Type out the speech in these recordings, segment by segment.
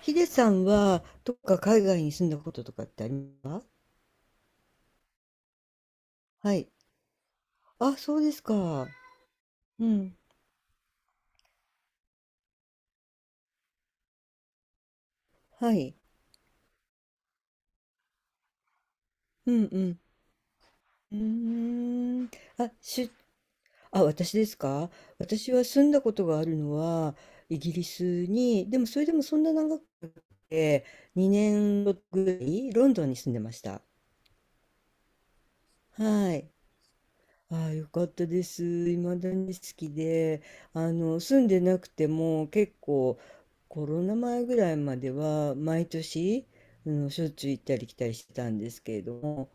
ヒデさんは、どっか海外に住んだこととかってありますか？はい。あ、そうですか。うん。はい。うんうん。うーん。あ、あ、私ですか？私は住んだことがあるのは、イギリスに、でもそれでもそんな長くて、2年ぐらいロンドンに住んでました。はい。ああ、よかったです。未だに好きで、住んでなくても結構コロナ前ぐらいまでは毎年、うん、しょっちゅう行ったり来たりしてたんですけれども、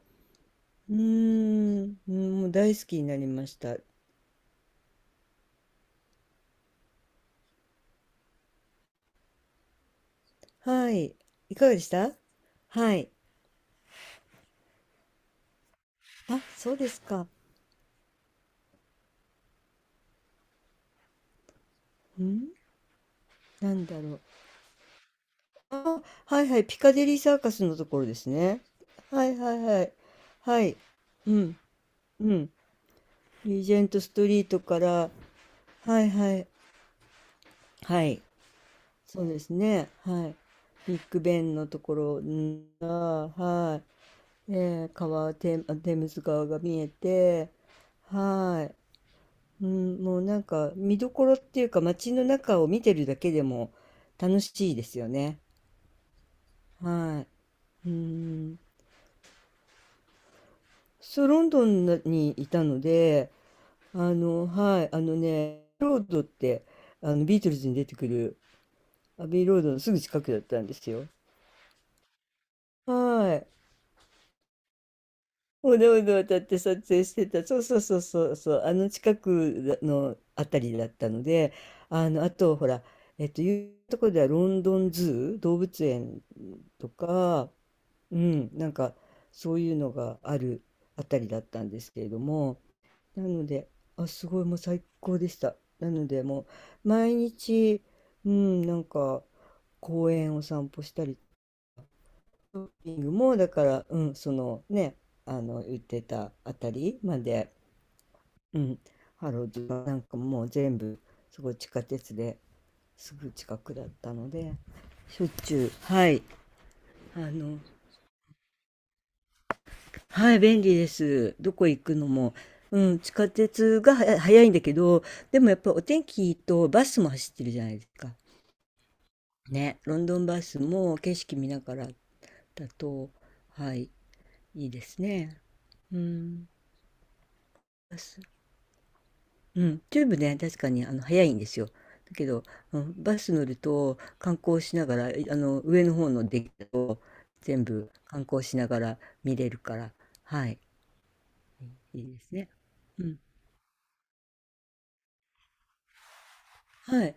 うーん、うん、もう大好きになりました。はい。いかがでした？はい。あ、そうですか。うん、なんだろう。あ、はいはい。ピカデリーサーカスのところですね。はいはいはい。はい。うん、うん。リージェントストリートから、はいはい。はい。そうですね。はい。ビッグベンのところが、はい。テムズ川が見えて、はい。うん、もうなんか見どころっていうか街の中を見てるだけでも楽しいですよね。はい。うん。そう、ロンドンにいたので、はい、ロードって、ビートルズに出てくるアビーロードのすぐ近くだったんですよ。はい。おどおどを渡って撮影してた。そうそうそうそうそう。あの近くのあたりだったので、あと、ほら、いうところではロンドンズー、動物園とか、うん、なんか、そういうのがあるあたりだったんですけれども、なので、あ、すごい、もう最高でした。なので、もう、毎日、うん、なんか、公園を散歩したりショッピングもだから、うん、そのね、あの言ってたあたりまで、うん、ハローズはなんかもう全部すごい地下鉄ですぐ近くだったので、しょっちゅう、はい、あの、はい、便利です。どこ行くのも。うん、地下鉄がは早いんだけど、でもやっぱお天気とバスも走ってるじゃないですか。ね、ロンドンバスも景色見ながらだと、はい、いいですね。うん、バス。うん、チューブね、確かに早いんですよ。だけど、うん、バス乗ると観光しながら、あの上の方のデッキを全部観光しながら見れるから、はい、いいですね。うん、はい。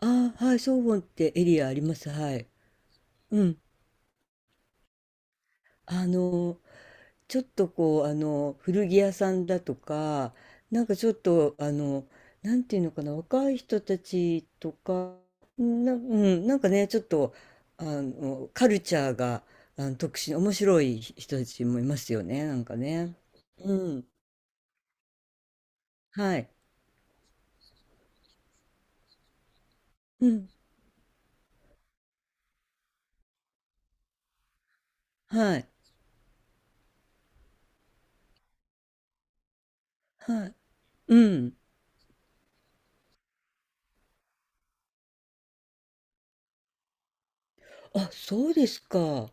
ああ、はい、ソウォンってエリアあります。はい。うん。あの、ちょっとこう、古着屋さんだとか、なんかちょっと、なんていうのかな、若い人たちとか、うん、なんかね、ちょっと、カルチャーが、特殊面白い人たちもいますよね、なんかね。うん。はい。うん。はい。はい。うん。あ、そうですか。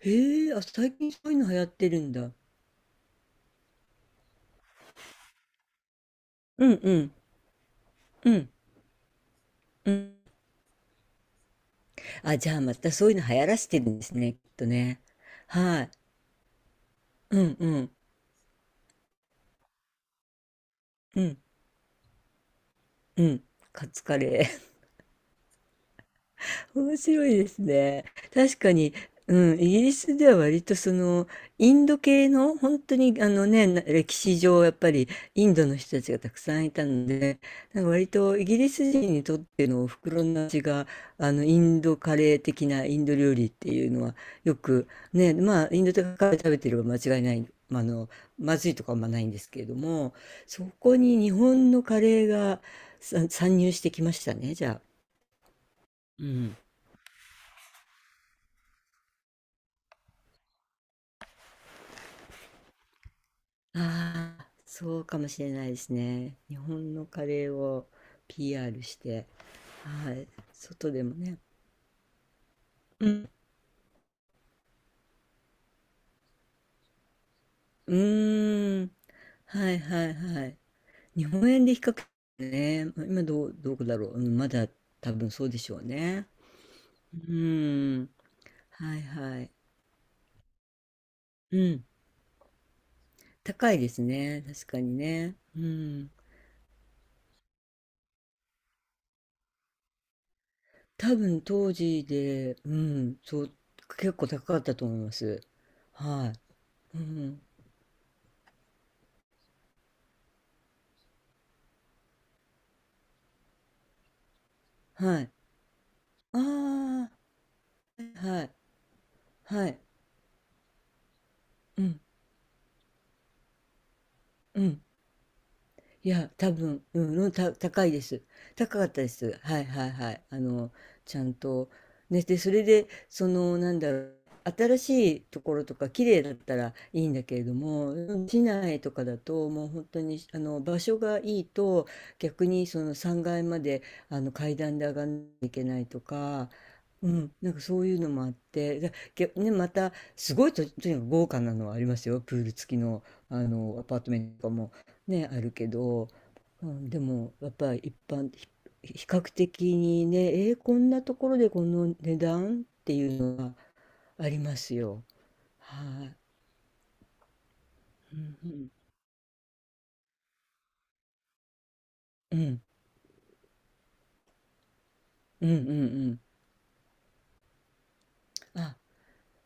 へえ、あ、最近そういうの流行ってるんだ。うんうん。うん。うん。あ、じゃあまたそういうの流行らせてるんですね、きっとね。はい。うんうん。うんうん。カツカレー。面白いですね。確かに、うん、イギリスでは割とそのインド系の本当に歴史上やっぱりインドの人たちがたくさんいたので、なんか割とイギリス人にとってのお袋の味があのインドカレー的なインド料理っていうのはよくね、まあインドとかカレー食べてれば間違いない、まあまずいとかはあんまないんですけれども、そこに日本のカレーが参入してきましたね、じゃあ。うん。ああ、そうかもしれないですね。日本のカレーを PR して、はい、外でもね。うん、うーん、はいはいはい。日本円で比較ね、今どう、どこだろう。うん、まだ多分そうでしょうね。うーん、はいはい。うん、高いですね。確かにね。うん、多分当時で、うん、そう、結構高かったと思います。はい。うん、はい。ああ、はいはい。はい。うん、うん。いや、多分、うん、うんた、高いです。高かったです。はいはいはい。ちゃんと。ね、で、それで、その、なんだろう、新しいところとか、綺麗だったらいいんだけれども、うん、市内とかだと、もう本当に、場所がいいと、逆にその3階まで、階段で上がんなきゃいけないとか、うん、なんかそういうのもあって、けね、また、すごいと、とにかく豪華なのはありますよ。プール付きの、アパートメントとかも。ね、あるけど、うん、でもやっぱり一般ひ比較的にね、こんなところでこの値段っていうのはありますよ。はい、うんうん、うんうんうんうん、あ、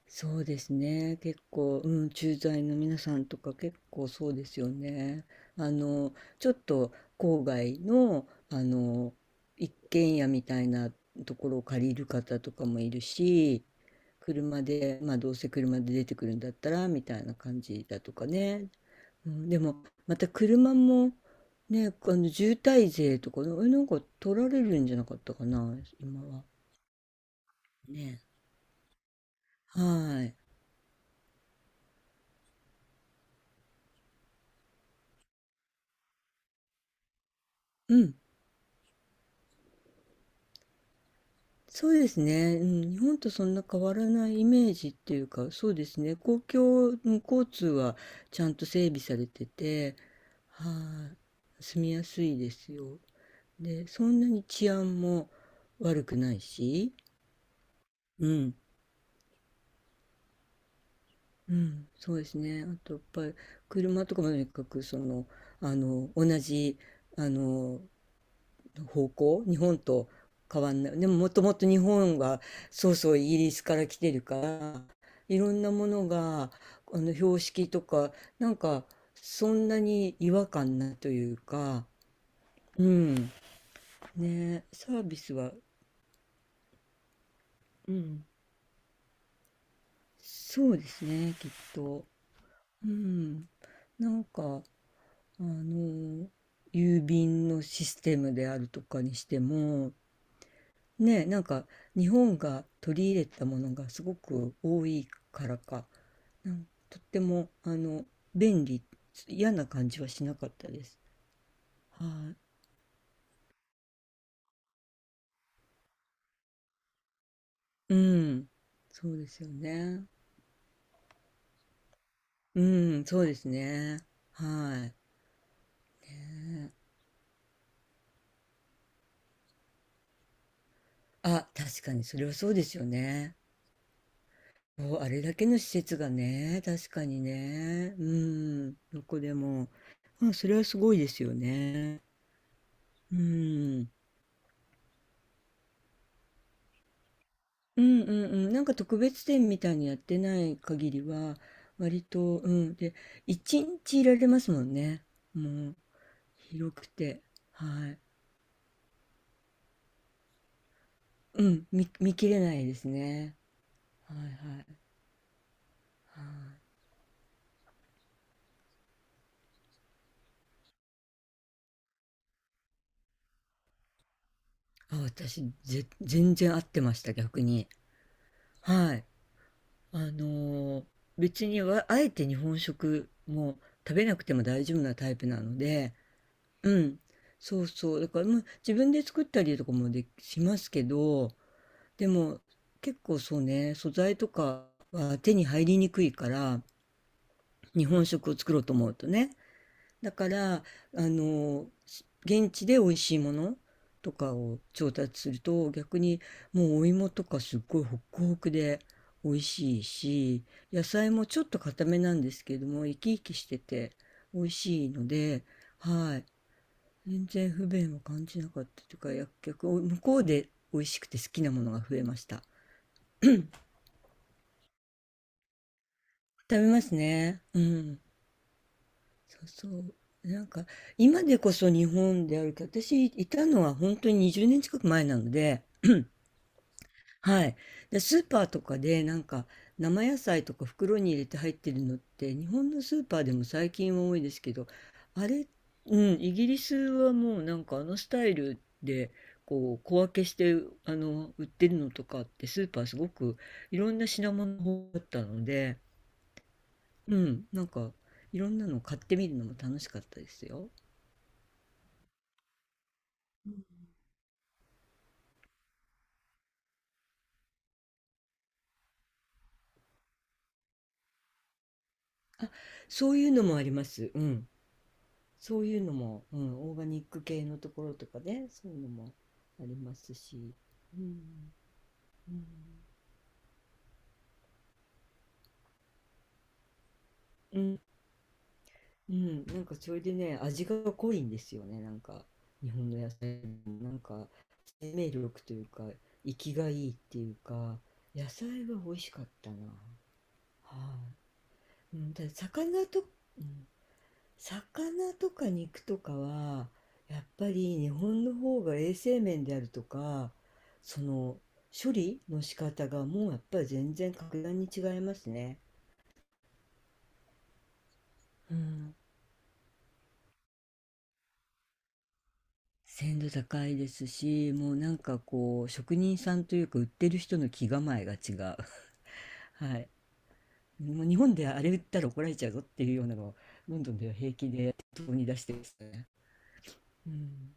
そうですね、結構、うん、駐在の皆さんとか結構そうですよね。あのちょっと郊外の一軒家みたいなところを借りる方とかもいるし、車で、まあどうせ車で出てくるんだったらみたいな感じだとかね。うん、でもまた車もね、渋滞税とかね、え、なんか取られるんじゃなかったかな、今は。ね。はい。うん。そうですね。うん。日本とそんな変わらないイメージっていうか、そうですね。公共、うん、交通はちゃんと整備されてて、はい。住みやすいですよ。で、そんなに治安も悪くないし、うん。うん。そうですね。あとやっぱり車とかもとにかく同じあの方向、日本と変わんない。でももともと日本はそうそうイギリスから来てるから、いろんなものが標識とかなんかそんなに違和感ないというか、うん。ね、サービスは、うん、そうですね、きっと。うん。なんか。あの、郵便のシステムであるとかにしても、ね、なんか日本が取り入れたものがすごく多いからか、なんとっても、便利、嫌な感じはしなかったです。はい。うん。そうですよね。うん、そうですね。はい。ねあ、確かにそれはそうですよね。そう、あれだけの施設がね、確かにね。うん、どこでも。うん、それはすごいですよね。うん。うんうんうん。なんか特別展みたいにやってない限りは、割と、うん。で、一日いられますもんね。もう、広くて。はい。うん、見切れないですね。はいはい。はい。あ、私、全然合ってました、逆に。はい。あのー別にわあえて日本食も食べなくても大丈夫なタイプなので、うん、そうそう、だから、まあ、自分で作ったりとかもできしますけど、でも結構そうね、素材とかは手に入りにくいから、日本食を作ろうと思うとね、だから、の、現地で美味しいものとかを調達すると、逆にもうお芋とかすっごいホクホクで美味しいし、野菜もちょっと固めなんですけれども、生き生きしてて美味しいので、はい。全然不便を感じなかったというか、逆、向こうで美味しくて好きなものが増えました。食べますね。うん。そうそう。なんか、今でこそ日本であるけど、私いたのは本当に20年近く前なので、はい。で、スーパーとかで、なんか、生野菜とか袋に入れて入ってるのって、日本のスーパーでも最近は多いですけど、あれ、うん、イギリスはもうなんかあのスタイルで、こう、小分けして、売ってるのとかって、スーパーすごくいろんな品物があったので、うん、なんか、いろんなの買ってみるのも楽しかったですよ。そういうのもあります。うん。そういうのも、うん、オーガニック系のところとかね、そういうのもありますし。うん、うん、うん、うん、なんかそれでね、味が濃いんですよね、なんか、日本の野菜も、なんか、生命力というか、生きがいいっていうか、野菜は美味しかったな。はい、うん、ただ魚と、うん、魚とか肉とかはやっぱり日本の方が衛生面であるとかその処理の仕方がもうやっぱり全然格段に違いますね。うん、鮮度高いですし、もうなんかこう職人さんというか売ってる人の気構えが違う。はい、もう日本であれ売ったら怒られちゃうぞっていうようなのをロンドンでは平気で当に出してますね。うん